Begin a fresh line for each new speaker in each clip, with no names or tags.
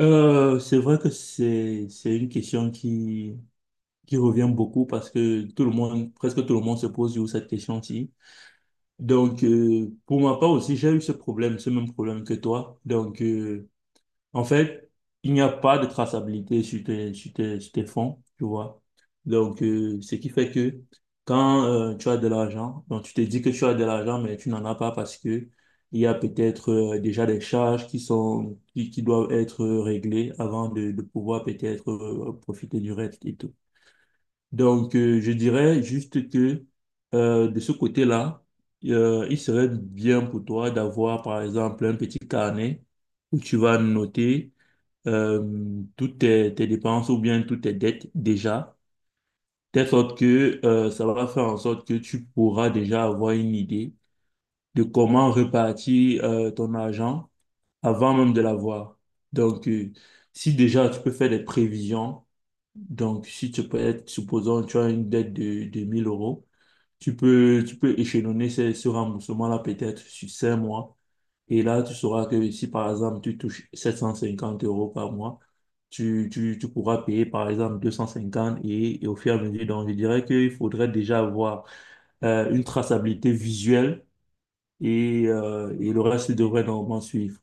C'est vrai que c'est une question qui revient beaucoup parce que tout le monde presque tout le monde se pose sur cette question-ci. Donc pour ma part aussi j'ai eu ce même problème que toi. Donc en fait, il n'y a pas de traçabilité sur tes fonds, tu vois. Donc, ce qui fait que quand tu as de l'argent, donc tu te dis que tu as de l'argent, mais tu n'en as pas parce que il y a peut-être déjà des charges qui doivent être réglées avant de pouvoir peut-être profiter du reste et tout. Donc, je dirais juste que de ce côté-là, il serait bien pour toi d'avoir, par exemple, un petit carnet où tu vas noter toutes tes dépenses ou bien toutes tes dettes déjà, de sorte que ça va faire en sorte que tu pourras déjà avoir une idée de comment répartir ton argent avant même de l'avoir. Donc, si déjà tu peux faire des prévisions, donc si tu peux être, supposons, tu as une dette de 1000 euros, tu peux échelonner ce remboursement-là peut-être sur 5 mois et là, tu sauras que si par exemple tu touches 750 euros par mois, tu pourras payer par exemple 250 et au fur et à mesure. Donc, je dirais qu'il faudrait déjà avoir une traçabilité visuelle et le reste devrait normalement suivre.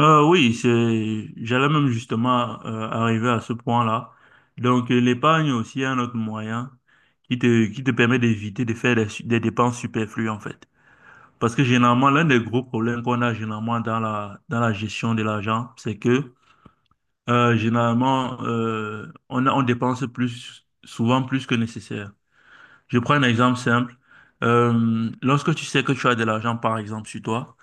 Oui, j'allais même justement arriver à ce point-là. Donc, l'épargne aussi est un autre moyen qui te permet d'éviter de faire des dépenses superflues, en fait. Parce que généralement, l'un des gros problèmes qu'on a généralement dans la gestion de l'argent, c'est que généralement, on dépense plus, souvent plus que nécessaire. Je prends un exemple simple. Lorsque tu sais que tu as de l'argent, par exemple, sur toi,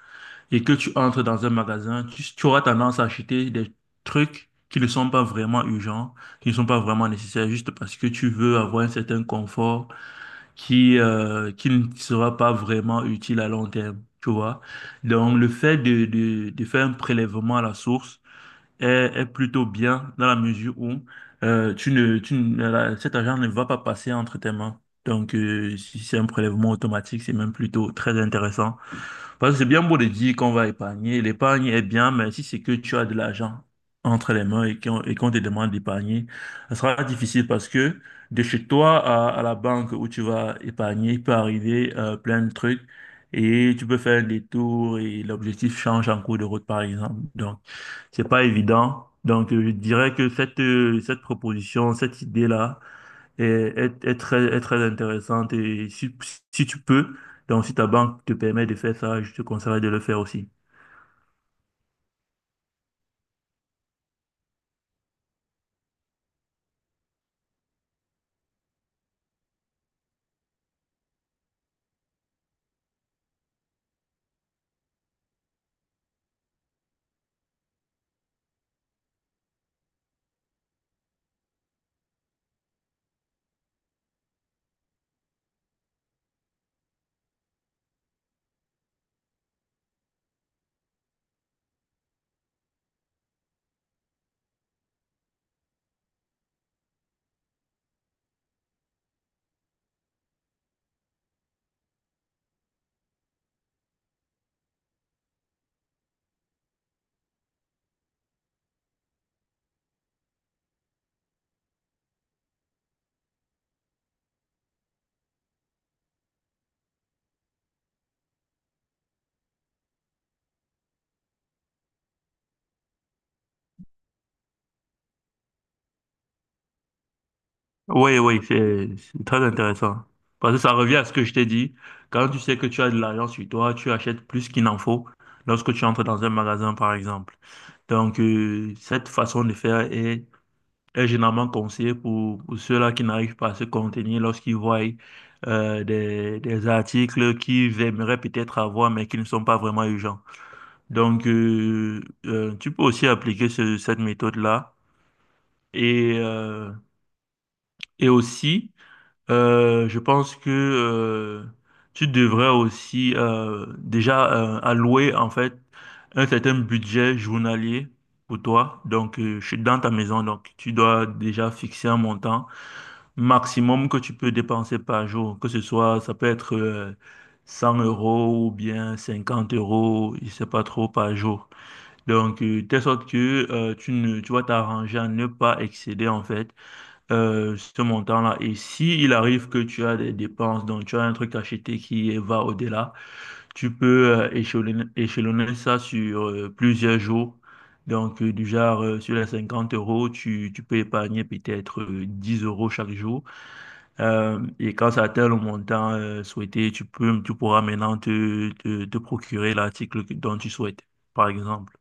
et que tu entres dans un magasin, tu auras tendance à acheter des trucs qui ne sont pas vraiment urgents, qui ne sont pas vraiment nécessaires, juste parce que tu veux avoir un certain confort qui ne sera pas vraiment utile à long terme, tu vois. Donc, le fait de faire un prélèvement à la source est plutôt bien dans la mesure où tu ne- la- cet argent ne va pas passer entre tes mains. Donc, si c'est un prélèvement automatique, c'est même plutôt très intéressant. Parce que c'est bien beau de dire qu'on va épargner. L'épargne est bien, mais si c'est que tu as de l'argent entre les mains et qu'on te demande d'épargner, ça sera difficile parce que de chez toi à la banque où tu vas épargner, il peut arriver plein de trucs et tu peux faire un détour et l'objectif change en cours de route, par exemple. Donc, c'est pas évident. Donc, je dirais que cette proposition, cette idée-là, est très intéressante et si tu peux, donc si ta banque te permet de faire ça, je te conseillerais de le faire aussi. Oui, oui, c'est très intéressant. Parce que ça revient à ce que je t'ai dit. Quand tu sais que tu as de l'argent sur toi, tu achètes plus qu'il n'en faut lorsque tu entres dans un magasin, par exemple. Donc, cette façon de faire est généralement conseillée pour ceux-là qui n'arrivent pas à se contenir lorsqu'ils voient des articles qu'ils aimeraient peut-être avoir, mais qui ne sont pas vraiment urgents. Donc, tu peux aussi appliquer cette méthode-là. Et, euh, et aussi, je pense que tu devrais aussi déjà allouer en fait un certain budget journalier pour toi. Donc, je suis dans ta maison, donc tu dois déjà fixer un montant maximum que tu peux dépenser par jour. Que ce soit, ça peut être 100 euros ou bien 50 euros, je sais pas trop par jour. Donc, telle sorte que tu vas t'arranger à ne pas excéder en fait ce montant-là. Et si il arrive que tu as des dépenses, donc tu as un truc acheté qui va au-delà, tu peux échelonner ça sur plusieurs jours. Donc, du genre, sur les 50 euros, tu peux épargner peut-être 10 euros chaque jour. Et quand ça atteint le montant souhaité, tu pourras maintenant te procurer l'article dont tu souhaites, par exemple.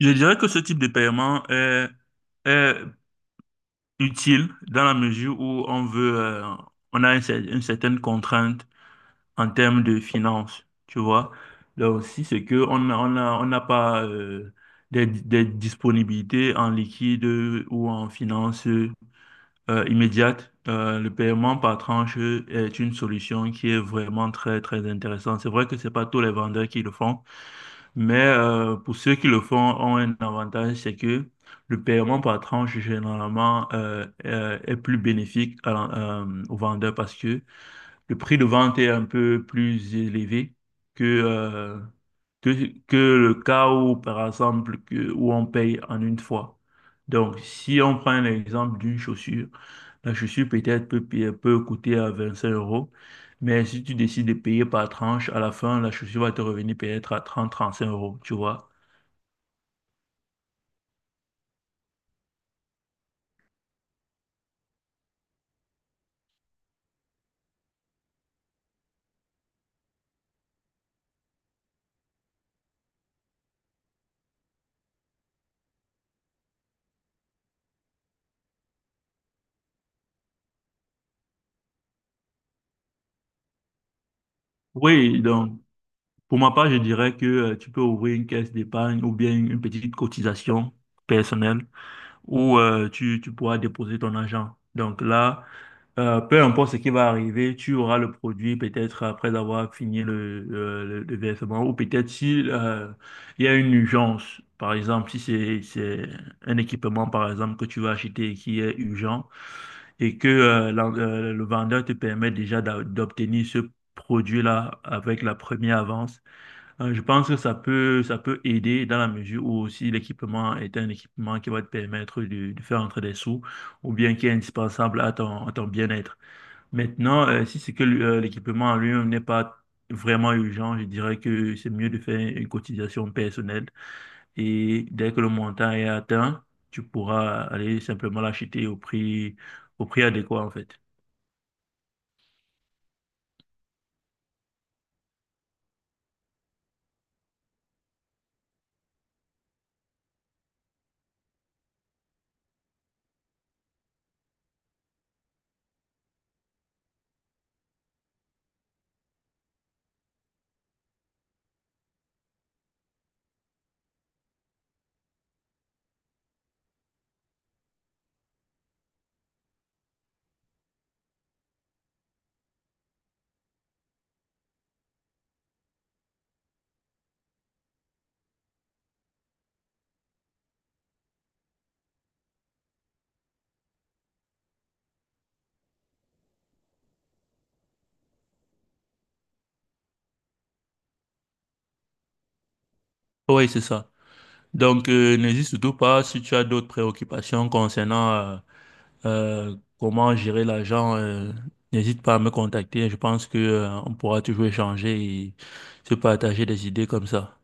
Je dirais que ce type de paiement est utile dans la mesure où on a une certaine contrainte en termes de finances, tu vois. Là aussi, c'est que on n'a pas des disponibilités en liquide ou en finances immédiates. Le paiement par tranche est une solution qui est vraiment très, très intéressante. C'est vrai que c'est pas tous les vendeurs qui le font. Mais pour ceux qui le font, ont un avantage, c'est que le paiement par tranche, généralement, est plus bénéfique au vendeur parce que le prix de vente est un peu plus élevé que, euh, que, que le cas où, par exemple, où on paye en une fois. Donc, si on prend l'exemple d'une chaussure, la chaussure peut-être peut coûter à 25 euros, mais si tu décides de payer par tranche, à la fin, la chaussure va te revenir peut-être à trente cinq euros, tu vois. Oui, donc pour ma part, je dirais que tu peux ouvrir une caisse d'épargne ou bien une petite cotisation personnelle où tu pourras déposer ton argent. Donc là, peu importe ce qui va arriver, tu auras le produit peut-être après avoir fini le versement ou peut-être si il y a une urgence, par exemple, si c'est un équipement, par exemple, que tu vas acheter et qui est urgent et que le vendeur te permet déjà d'obtenir ce produit-là avec la première avance. Je pense que ça peut aider dans la mesure où aussi l'équipement est un équipement qui va te permettre de faire entrer des sous ou bien qui est indispensable à ton bien-être. Maintenant, si c'est que l'équipement en lui-même n'est pas vraiment urgent, je dirais que c'est mieux de faire une cotisation personnelle et dès que le montant est atteint, tu pourras aller simplement l'acheter au prix adéquat en fait. Oui, c'est ça. Donc, n'hésite surtout pas si tu as d'autres préoccupations concernant comment gérer l'argent. N'hésite pas à me contacter. Je pense que on pourra toujours échanger et se partager des idées comme ça.